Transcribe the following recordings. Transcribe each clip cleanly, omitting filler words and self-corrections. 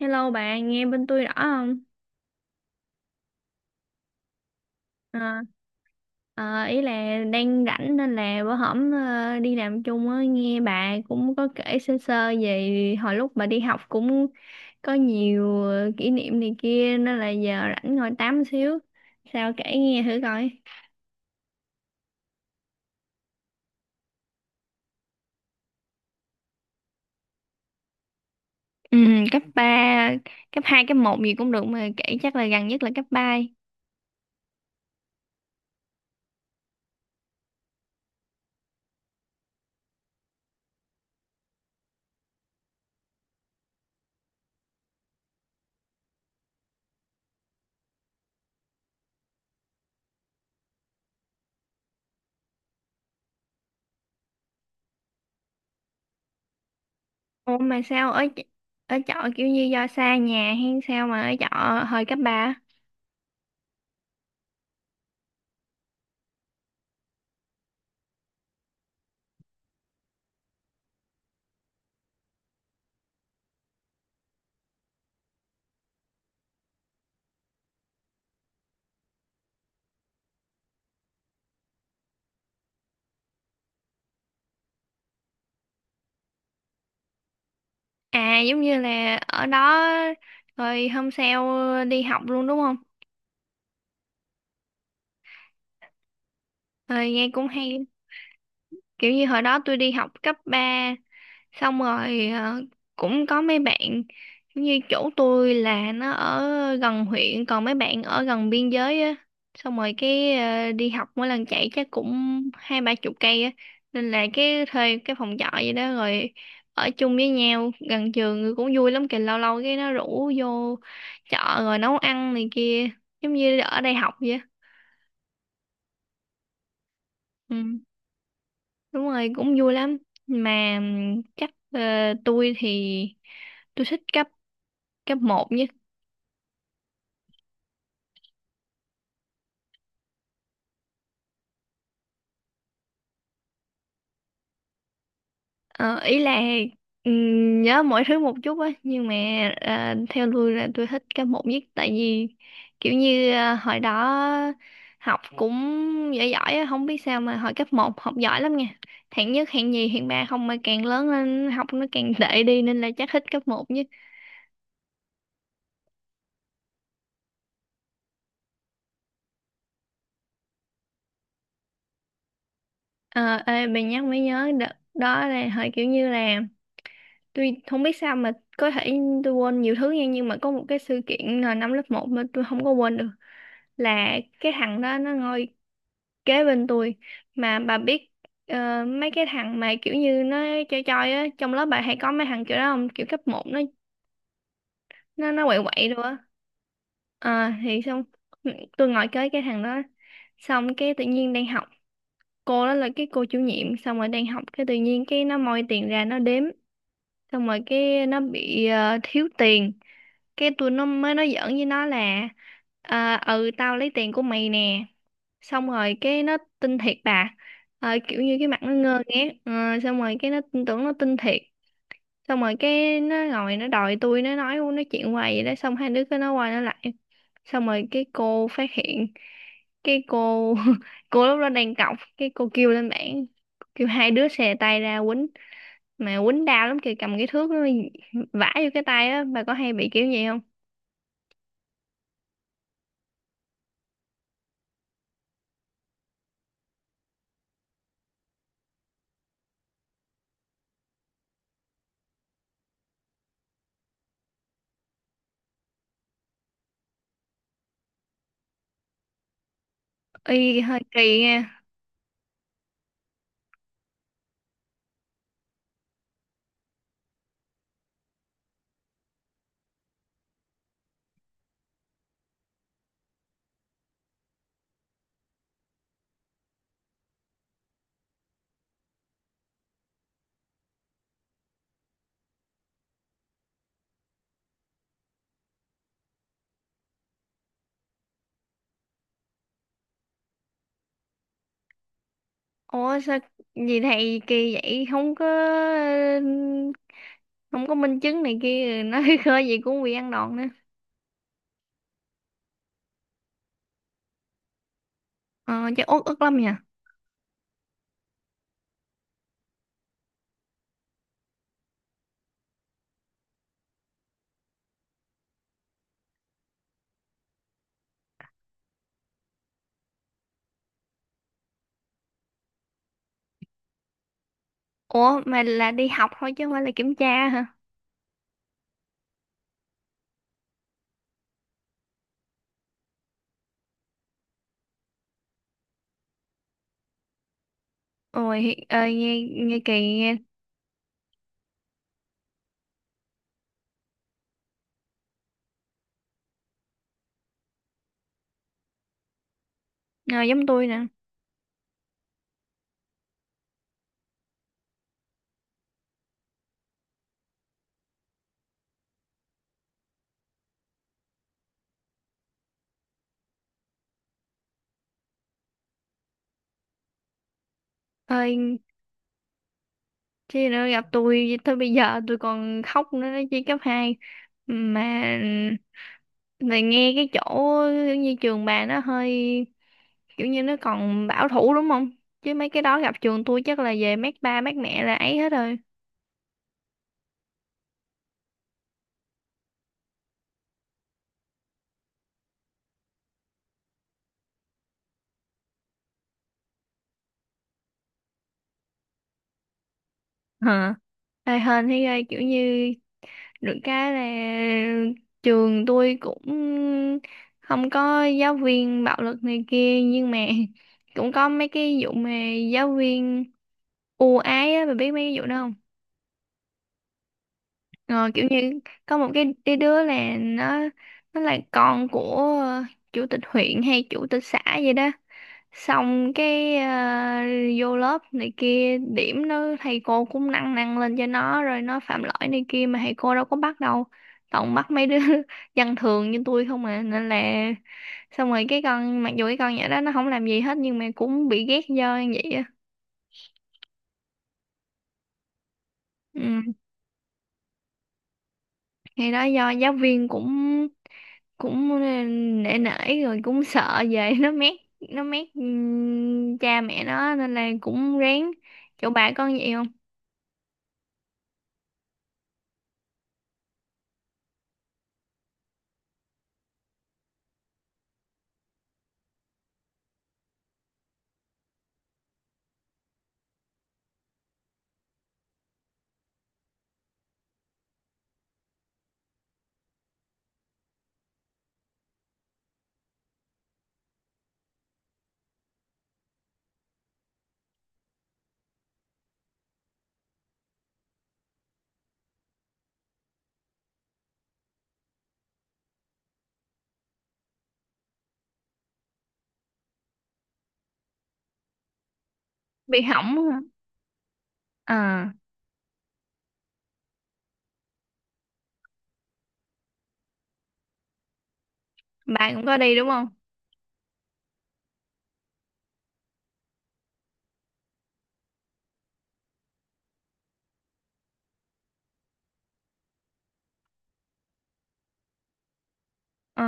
Hello bạn, nghe bên tôi rõ không? À, ý là đang rảnh nên là bữa hổm đi làm chung á, nghe bà cũng có kể sơ sơ về hồi lúc bà đi học cũng có nhiều kỷ niệm này kia nên là giờ rảnh ngồi tám xíu. Sao kể nghe thử coi. Ừ, cấp ba, cấp hai, cấp một gì cũng được mà kể chắc là gần nhất là cấp ba. Ủa mà sao ở ở trọ kiểu như do xa nhà hay sao mà ở trọ hồi cấp ba? À giống như là ở đó rồi hôm sau đi học luôn đúng không? Rồi nghe cũng hay. Kiểu như hồi đó tôi đi học cấp 3 xong rồi cũng có mấy bạn, giống như chỗ tôi là nó ở gần huyện còn mấy bạn ở gần biên giới á, xong rồi cái đi học mỗi lần chạy chắc cũng hai ba chục cây á, nên là cái thuê cái phòng trọ vậy đó, rồi ở chung với nhau gần trường cũng vui lắm kìa, lâu lâu cái nó rủ vô chợ rồi nấu ăn này kia, giống như ở đây học vậy á. Ừ, đúng rồi cũng vui lắm. Mà chắc tôi thì tôi thích cấp cấp một nhé. Ờ, ý là nhớ mọi thứ một chút á, nhưng mà theo tôi là tôi thích cấp một nhất, tại vì kiểu như hồi đó học cũng giỏi giỏi á, không biết sao mà hồi cấp một học giỏi lắm nha, hạng nhất hạng nhì hạng ba không, mà càng lớn lên học nó càng tệ đi nên là chắc thích cấp một nhất. Ờ, ê, bà nhắc mới nhớ, đợt đó là hồi kiểu như là tôi không biết sao mà có thể tôi quên nhiều thứ nha, nhưng mà có một cái sự kiện là năm lớp một mà tôi không có quên được, là cái thằng đó nó ngồi kế bên tôi. Mà bà biết mấy cái thằng mà kiểu như nó chơi chơi á trong lớp, bà hay có mấy thằng kiểu đó không, kiểu cấp một nó nó quậy quậy luôn á. Ờ thì xong, tôi ngồi kế cái thằng đó, xong cái tự nhiên đang học, cô đó là cái cô chủ nhiệm, xong rồi đang học cái tự nhiên cái nó moi tiền ra nó đếm, xong rồi cái nó bị thiếu tiền, cái tôi nó mới nói giỡn với nó là ờ ừ tao lấy tiền của mày nè, xong rồi cái nó tin thiệt bà. Ờ, kiểu như cái mặt nó ngơ ngác. Ờ, xong rồi cái nó tin tưởng, nó tin thiệt, xong rồi cái nó ngồi nó đòi tôi, nó nói nó chuyện hoài vậy đó, xong hai đứa cứ nói qua nói lại, xong rồi cái cô phát hiện, cái cô cô lúc đó đang cọc, cái cô kêu lên bảng, kêu hai đứa xè tay ra quýnh, mà quýnh đau lắm kìa, cầm cái thước nó vả vô cái tay á, bà có hay bị kiểu gì không? Y hơi kỳ nha. Ủa sao gì thầy kỳ vậy, không có không có minh chứng này kia nó khơi gì cũng bị ăn đòn nữa. Ờ chắc uất ức lắm nhỉ. Ủa mà là đi học thôi chứ không phải là kiểm tra hả? Ôi ơi nghe, nghe kỳ nghe. Ờ, giống tôi nè. Ơi, chứ nữa gặp tôi tới bây giờ tôi còn khóc nữa đó chứ, cấp 2 mà. Này nghe cái chỗ như trường bà nó hơi kiểu như nó còn bảo thủ đúng không, chứ mấy cái đó gặp trường tôi chắc là về mát ba mát mẹ là ấy hết rồi. Hả? Ê hên thấy ghê, kiểu như được cái là trường tôi cũng không có giáo viên bạo lực này kia, nhưng mà cũng có mấy cái vụ mà giáo viên ưu ái á, bà biết mấy cái vụ đó không? Ờ, kiểu như có một cái đứa là nó là con của ờ, chủ tịch huyện hay chủ tịch xã vậy đó, xong cái vô lớp này kia, điểm nó thầy cô cũng nâng nâng lên cho nó, rồi nó phạm lỗi này kia mà thầy cô đâu có bắt đâu, toàn bắt mấy đứa dân thường như tôi không à, nên là xong rồi cái con, mặc dù cái con nhỏ đó nó không làm gì hết nhưng mà cũng bị ghét do như vậy á. Ừ. Thì đó, do giáo viên cũng cũng nể nể, rồi cũng sợ về nó mét cha mẹ nó nên là cũng rén. Chỗ bà con vậy không? Bị hỏng hả? À. Bà cũng có đi đúng không? Ờ.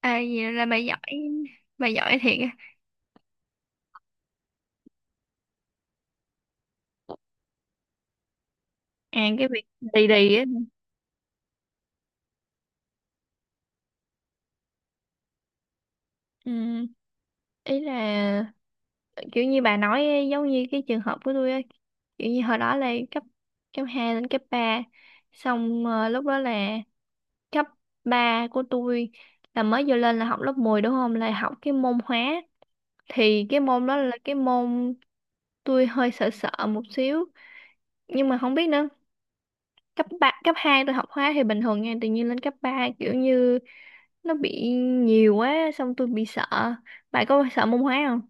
À, vậy là bà giỏi thiệt á. À cái việc đi đi á. Ừ. Ý là kiểu như bà nói ấy, giống như cái trường hợp của tôi á. Kiểu như hồi đó là cấp cấp 2 lên cấp 3, xong lúc đó là cấp 3 của tôi là mới vô lên là học lớp 10 đúng không? Là học cái môn hóa. Thì cái môn đó là cái môn tôi hơi sợ sợ một xíu. Nhưng mà không biết nữa, cấp ba cấp 2 tôi học hóa thì bình thường nha, tự nhiên lên cấp 3 kiểu như nó bị nhiều quá xong tôi bị sợ. Bạn có sợ môn hóa không?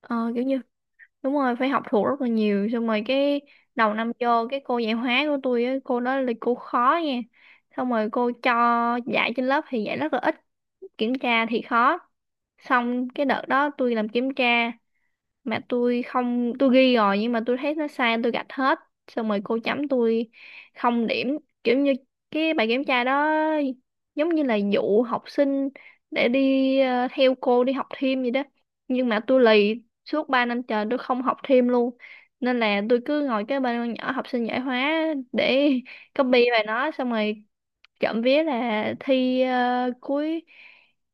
Ờ kiểu như đúng rồi, phải học thuộc rất là nhiều, xong rồi cái đầu năm vô, cái cô dạy hóa của tôi á, cô đó là cô khó nha, xong rồi cô cho dạy trên lớp thì dạy rất là ít, kiểm tra thì khó, xong cái đợt đó tôi làm kiểm tra mà tôi không, tôi ghi rồi nhưng mà tôi thấy nó sai tôi gạch hết, xong rồi cô chấm tôi không điểm, kiểu như cái bài kiểm tra đó giống như là dụ học sinh để đi theo cô đi học thêm vậy đó. Nhưng mà tôi lì, suốt 3 năm trời tôi không học thêm luôn, nên là tôi cứ ngồi cái bên con nhỏ học sinh giỏi hóa để copy bài nó, xong rồi trộm vía là thi cuối,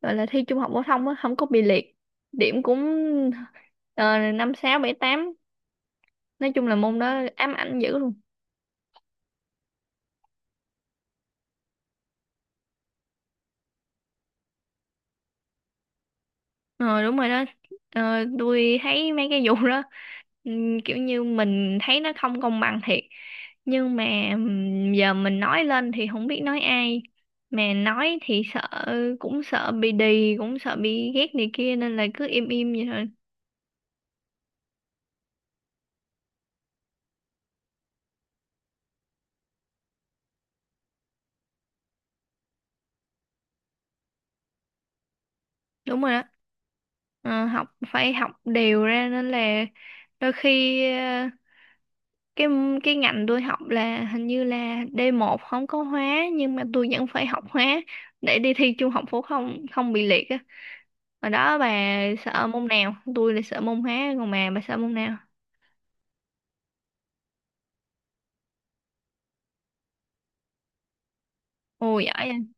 gọi là thi trung học phổ thông á, không có bị liệt, điểm cũng ờ, năm sáu bảy tám. Nói chung là môn đó ám ảnh dữ luôn. Ờ đúng rồi đó. Ờ, tôi thấy mấy cái vụ đó kiểu như mình thấy nó không công bằng thiệt, nhưng mà giờ mình nói lên thì không biết nói ai, mà nói thì sợ, cũng sợ bị đì, cũng sợ bị ghét này kia, nên là cứ im im vậy thôi. Đúng rồi đó. Ờ, học phải học đều ra nên là đôi khi cái cái ngành tôi học là hình như là d một không có hóa, nhưng mà tôi vẫn phải học hóa để đi thi trung học phổ thông không bị liệt á. Hồi đó bà sợ môn nào? Tôi là sợ môn hóa, còn bà sợ môn nào? Ồ giỏi vậy.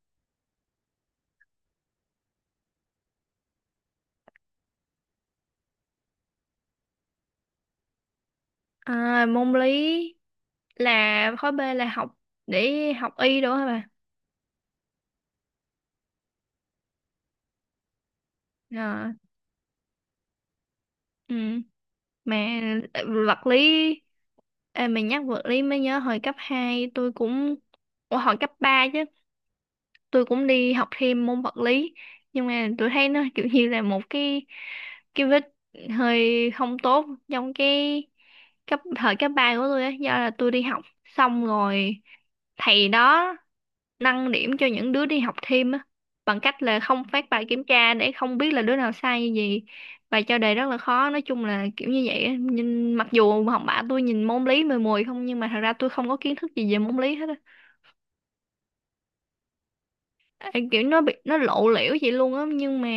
À, môn lý là khối B là học để học y đúng không bà? Ờ, ừ. Mà ờ, vật lý, ê, mình nhắc vật lý mới nhớ hồi cấp 2 tôi cũng, ủa, hồi cấp 3 chứ, tôi cũng đi học thêm môn vật lý, nhưng mà tôi thấy nó kiểu như là một cái vết hơi không tốt trong cái cấp thời cấp 3 của tôi á, do là tôi đi học xong rồi thầy đó nâng điểm cho những đứa đi học thêm á, bằng cách là không phát bài kiểm tra để không biết là đứa nào sai như gì bài, cho đề rất là khó, nói chung là kiểu như vậy á. Nhưng mặc dù học bạ tôi nhìn môn lý mười mùi không, nhưng mà thật ra tôi không có kiến thức gì về môn lý hết á. Ê, kiểu nó bị nó lộ liễu vậy luôn á, nhưng mà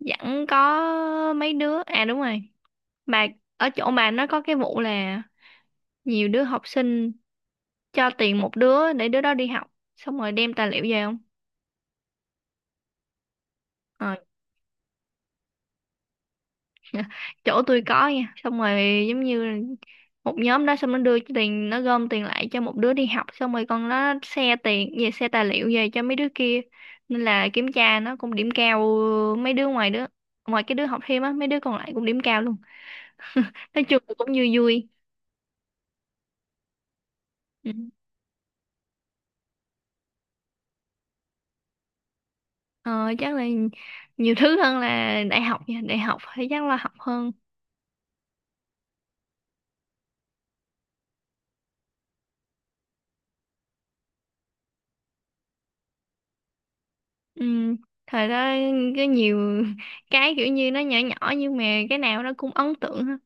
vẫn có mấy đứa, à đúng rồi, mà ở chỗ bà nó có cái vụ là nhiều đứa học sinh cho tiền một đứa để đứa đó đi học xong rồi đem tài liệu về không? Ờ, dạ, chỗ tôi có nha, xong rồi giống như một nhóm đó, xong nó đưa cái tiền, nó gom tiền lại cho một đứa đi học, xong rồi con nó xe tiền về, xe tài liệu về cho mấy đứa kia, nên là kiểm tra nó cũng điểm cao. Ờ, mấy đứa ngoài đứa, ngoài cái đứa học thêm á, mấy đứa còn lại cũng điểm cao luôn. Nói chung là cũng vui vui. Ừ. Ờ, chắc là nhiều thứ hơn là đại học nha, đại học thì chắc là học hơn. Ừ. Thời đó có nhiều cái kiểu như nó nhỏ nhỏ nhưng mà cái nào nó cũng ấn tượng.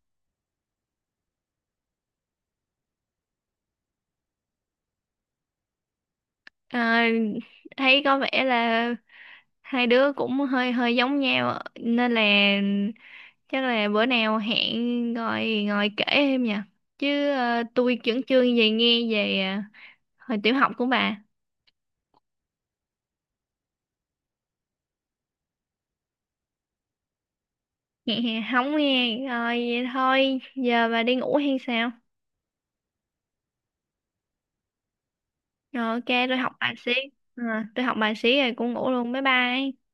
Ờ, thấy có vẻ là hai đứa cũng hơi hơi giống nhau nên là chắc là bữa nào hẹn ngồi ngồi kể em nha, chứ tôi chưởng chương về nghe về hồi tiểu học của bà. Nghe không? Nghe rồi vậy thôi, giờ bà đi ngủ hay sao? Rồi ok tôi học bài xí. Ờ, tôi học bài xí rồi cũng ngủ luôn, bye bye.